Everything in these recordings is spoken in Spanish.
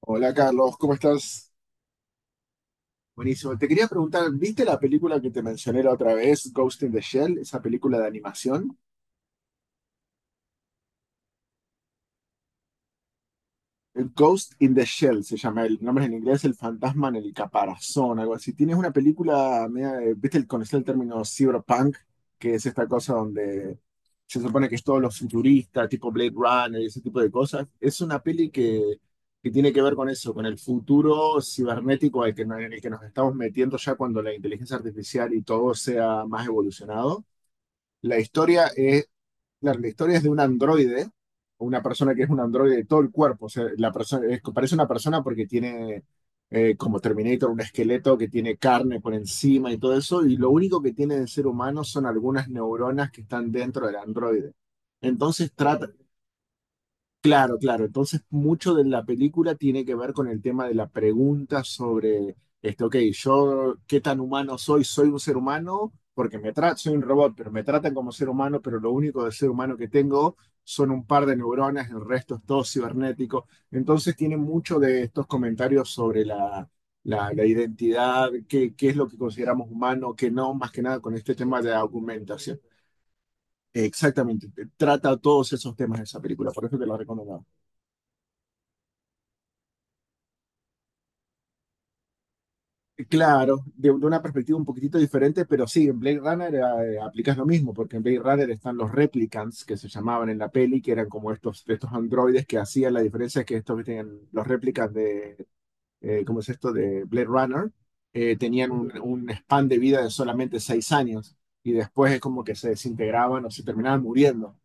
Hola Carlos, ¿cómo estás? Buenísimo. Te quería preguntar, ¿viste la película que te mencioné la otra vez, Ghost in the Shell, esa película de animación? Ghost in the Shell se llama el nombre en inglés, el fantasma en el caparazón, algo así. Tienes una película, ¿viste? ¿Conocer el término cyberpunk? Que es esta cosa donde se supone que es todos los futuristas, tipo Blade Runner y ese tipo de cosas. Es una peli que tiene que ver con eso, con el futuro cibernético al que, no- en el que nos estamos metiendo ya cuando la inteligencia artificial y todo sea más evolucionado. La historia es Claro, la historia es de un androide, una persona que es un androide de todo el cuerpo. O sea, parece una persona porque tiene, como Terminator, un esqueleto que tiene carne por encima y todo eso. Y lo único que tiene de ser humano son algunas neuronas que están dentro del androide. Entonces trata, Claro, claro. Entonces, mucho de la película tiene que ver con el tema de la pregunta sobre, ok, yo, ¿qué tan humano soy? Soy un ser humano porque me tratan, soy un robot, pero me tratan como ser humano, pero lo único de ser humano que tengo son un par de neuronas, el resto es todo cibernético. Entonces, tiene mucho de estos comentarios sobre la identidad, qué es lo que consideramos humano, qué no, más que nada con este tema de argumentación. Exactamente, trata todos esos temas de esa película, por eso te la recomiendo. Claro, de una perspectiva un poquitito diferente, pero sí, en Blade Runner aplicas lo mismo, porque en Blade Runner están los replicants que se llamaban en la peli, que eran como estos androides que hacían la diferencia, es que estos que tenían los replicants de, ¿cómo es esto?, de Blade Runner, tenían un span de vida de solamente 6 años y después es como que se desintegraban o se terminaban muriendo.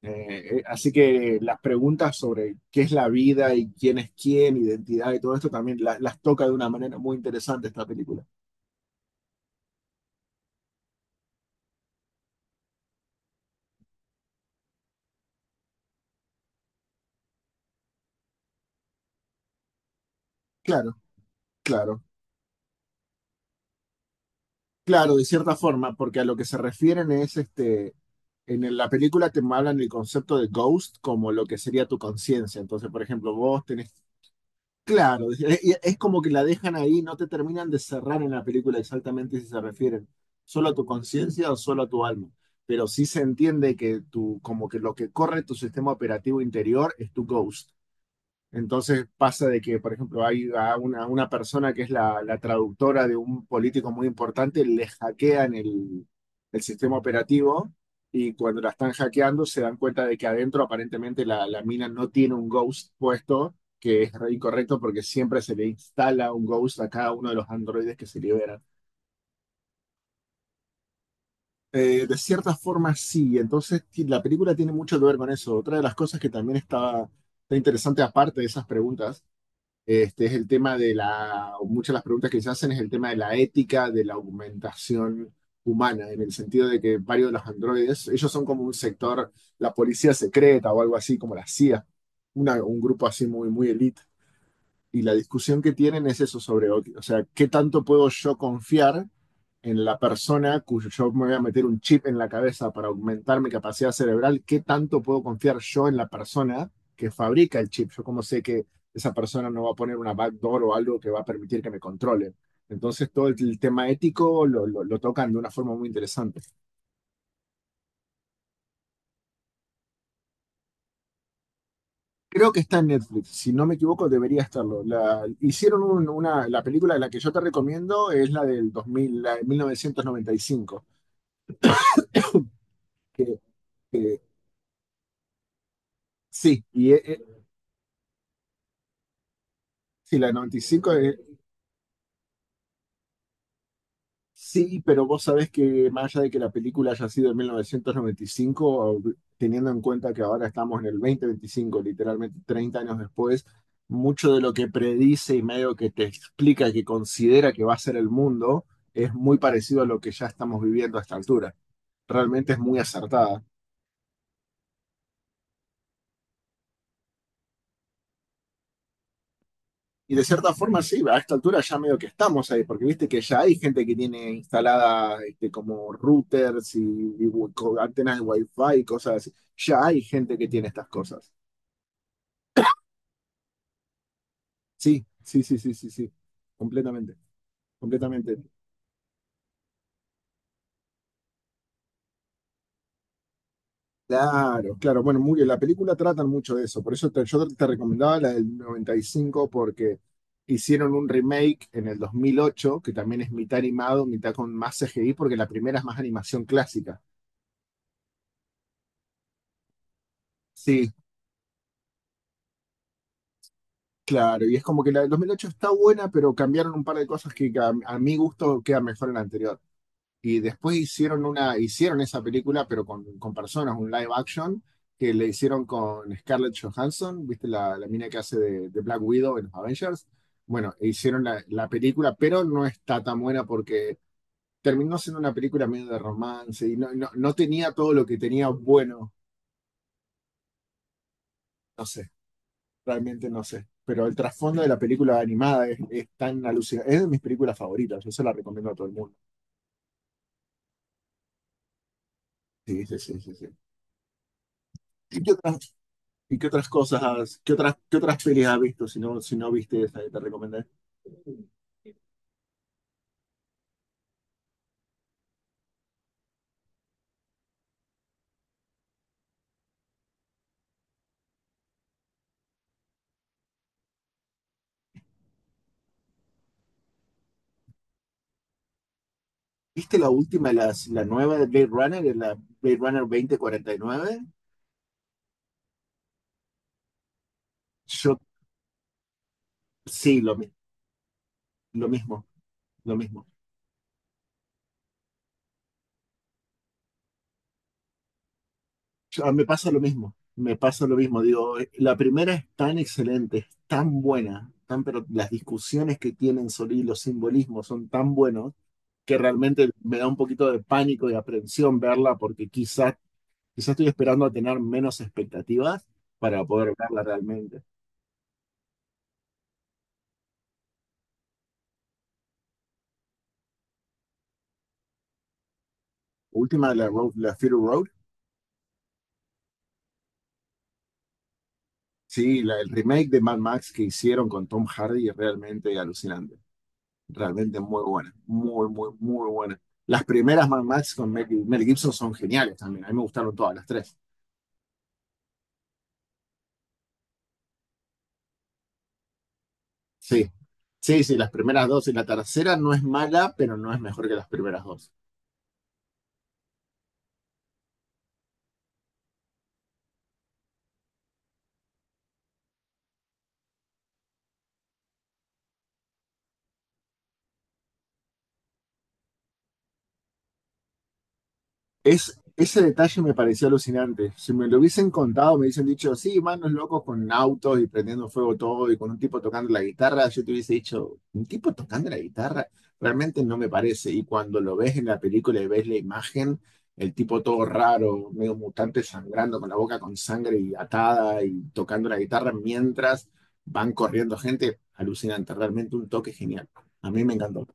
Así que las preguntas sobre qué es la vida y quién es quién, identidad y todo esto también las toca de una manera muy interesante esta película. Claro, claro, claro, de cierta forma, porque a lo que se refieren es este, la película te hablan del concepto de ghost como lo que sería tu conciencia. Entonces, por ejemplo, vos tenés, claro, es como que la dejan ahí, no te terminan de cerrar en la película exactamente si se refieren solo a tu conciencia o solo a tu alma. Pero sí se entiende que tu, como que lo que corre tu sistema operativo interior es tu ghost. Entonces pasa de que, por ejemplo, hay a una persona que es la traductora de un político muy importante, le hackean el sistema operativo y cuando la están hackeando se dan cuenta de que adentro aparentemente la mina no tiene un ghost puesto, que es re incorrecto porque siempre se le instala un ghost a cada uno de los androides que se liberan. De cierta forma sí, entonces la película tiene mucho que ver con eso. Otra de las cosas que también está interesante aparte de esas preguntas. Es el tema de la, muchas de las preguntas que se hacen es el tema de la ética de la augmentación humana, en el sentido de que varios de los androides, ellos son como un sector, la policía secreta o algo así, como la CIA, un grupo así muy, muy elite. Y la discusión que tienen es eso sobre, ok, o sea, ¿qué tanto puedo yo confiar en la persona cuyo yo me voy a meter un chip en la cabeza para aumentar mi capacidad cerebral? ¿Qué tanto puedo confiar yo en la persona que fabrica el chip? Yo como sé que esa persona no va a poner una backdoor o algo que va a permitir que me controle. Entonces todo el tema ético tocan de una forma muy interesante. Creo que está en Netflix, si no me equivoco debería estarlo. Hicieron la película de la que yo te recomiendo es la del 2000, la de 1995. que, que, sí, y es, sí, la 95 es. Sí, pero vos sabés que más allá de que la película haya sido en 1995, teniendo en cuenta que ahora estamos en el 2025, literalmente 30 años después, mucho de lo que predice y medio que te explica que considera que va a ser el mundo es muy parecido a lo que ya estamos viviendo a esta altura. Realmente es muy acertada. Y de cierta forma, sí, a esta altura ya medio que estamos ahí, porque viste que ya hay gente que tiene instalada este, como routers y antenas de Wi-Fi y cosas así. Ya hay gente que tiene estas cosas. Sí, sí, sí, sí, sí, sí. Completamente, completamente. Claro, claro. Bueno, muy bien. La película tratan mucho de eso. Yo te recomendaba la del 95 porque hicieron un remake en el 2008 que también es mitad animado, mitad con más CGI, porque la primera es más animación clásica. Sí, claro, y es como que la del 2008 está buena, pero cambiaron un par de cosas que a mi gusto queda mejor en la anterior. Y después hicieron hicieron esa película, pero con personas, un live action, que le hicieron con Scarlett Johansson, ¿viste? La mina que hace de Black Widow en los Avengers. Bueno, e hicieron la película, pero no está tan buena porque terminó siendo una película medio de romance y no tenía todo lo que tenía bueno realmente no sé. Pero el trasfondo de la película animada es tan alucinante. Es de mis películas favoritas, yo se la recomiendo a todo el mundo. Sí, sí, sí, sí, sí. ¿Y qué otras, ¿y qué otras cosas qué otras pelis has visto si no, si no viste esa que te recomendé? ¿Viste la última, la nueva de Blade Runner, la Blade Runner 2049? Yo sí, lo mismo, lo mismo. Ah, me pasa lo mismo, me pasa lo mismo. Digo, la primera es tan excelente, es tan buena, tan, pero las discusiones que tienen sobre y los simbolismos son tan buenos que realmente me da un poquito de pánico y aprensión verla porque quizás quizás estoy esperando a tener menos expectativas para poder verla realmente. Última de la, Road, la Fury Road, sí, el remake de Mad Max que hicieron con Tom Hardy es realmente alucinante. Realmente muy buena, muy, muy, muy buena. Las primeras Mad Max con Mel Gibson son geniales también. A mí me gustaron todas las tres. Sí, sí, sí, las primeras dos y la tercera no es mala, pero no es mejor que las primeras dos. Es, ese detalle me pareció alucinante. Si me lo hubiesen contado, me hubiesen dicho, sí, manos locos con autos y prendiendo fuego todo y con un tipo tocando la guitarra, yo te hubiese dicho, ¿un tipo tocando la guitarra? Realmente no me parece. Y cuando lo ves en la película y ves la imagen, el tipo todo raro, medio mutante, sangrando con la boca con sangre y atada y tocando la guitarra mientras van corriendo gente, alucinante. Realmente un toque genial. A mí me encantó.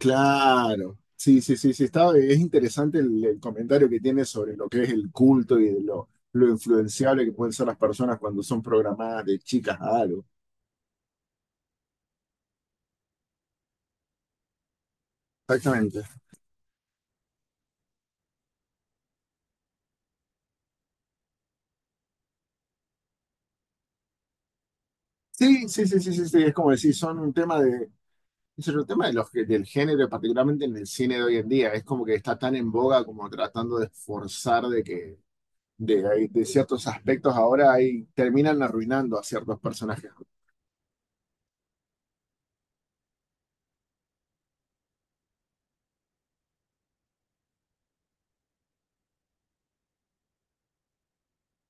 Claro, sí, sí, sí, sí, está, es interesante el comentario que tiene sobre lo que es el culto y de lo influenciable que pueden ser las personas cuando son programadas de chicas a algo. Exactamente. Sí, sí, sí, sí, sí, sí, es como decir, son un tema de, es un tema de del género, particularmente en el cine de hoy en día, es como que está tan en boga como tratando de esforzar de que de ciertos aspectos ahora ahí terminan arruinando a ciertos personajes.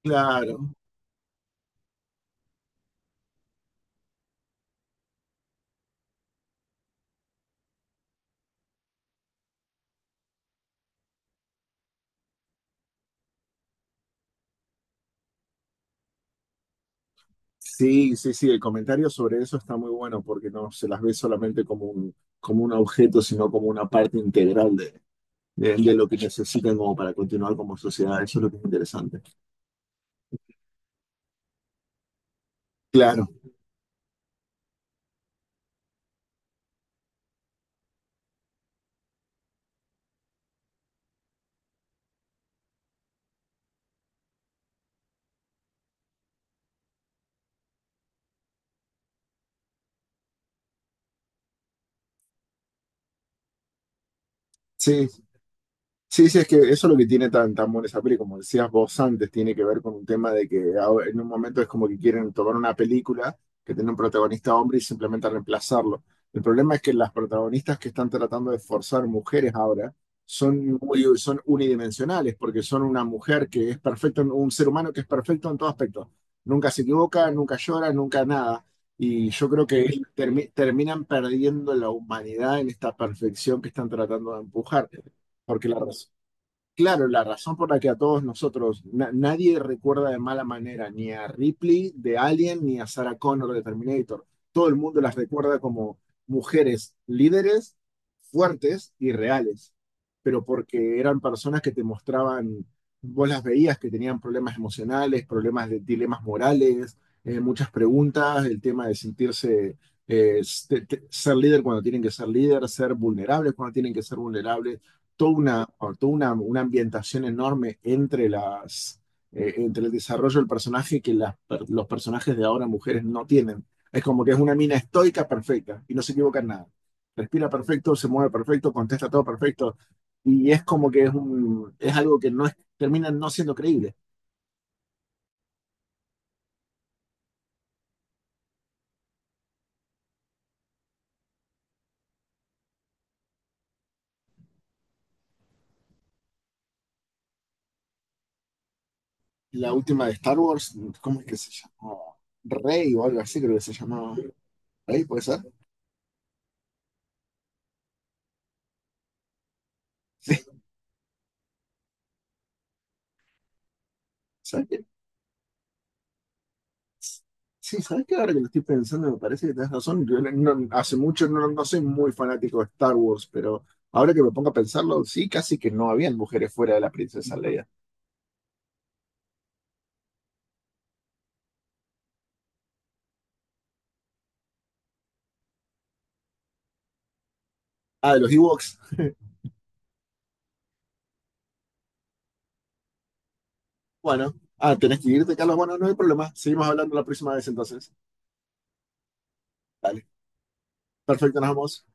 Claro. Sí, sí, sí, el comentario sobre eso está muy bueno porque no se las ve solamente como un objeto, sino como una parte integral de, de lo que necesitan como para continuar como sociedad. Eso es lo que es interesante. Claro, sí, sí, sí, es que eso es lo que tiene tan, tan buena esa peli, como decías vos antes, tiene que ver con un tema de que en un momento es como que quieren tomar una película que tiene un protagonista hombre y simplemente reemplazarlo. El problema es que las protagonistas que están tratando de forzar mujeres ahora son muy, son unidimensionales, porque son una mujer que es perfecta, un ser humano que es perfecto en todo aspecto. Nunca se equivoca, nunca llora, nunca nada. Y yo creo que terminan perdiendo la humanidad en esta perfección que están tratando de empujar porque la, claro, la razón por la que a todos nosotros, nadie recuerda de mala manera ni a Ripley de Alien ni a Sarah Connor de Terminator. Todo el mundo las recuerda como mujeres líderes, fuertes y reales, pero porque eran personas que te mostraban, vos las veías que tenían problemas emocionales, problemas de dilemas morales, muchas preguntas, el tema de sentirse, ser líder cuando tienen que ser líder, ser vulnerables cuando tienen que ser vulnerables toda una, o toda una ambientación enorme entre entre el desarrollo del personaje que los personajes de ahora mujeres no tienen. Es como que es una mina estoica perfecta y no se equivoca en nada. Respira perfecto, se mueve perfecto, contesta todo perfecto. Y es como que es algo que termina no siendo creíble. La última de Star Wars, ¿cómo es que se llamó? Rey o algo así, creo que se llamaba. Rey, ¿puede ser? Sí, sí. Sí, ¿sabes que? Ahora que lo estoy pensando, me parece que tenés razón. Yo no, hace mucho no, no soy muy fanático de Star Wars, pero ahora que me pongo a pensarlo, sí, casi que no habían mujeres fuera de la princesa Leia. Ah, de los Ewoks. Bueno, ah, tenés que irte, Carlos. Bueno, no hay problema. Seguimos hablando la próxima vez entonces. Dale. Perfecto, nos vemos.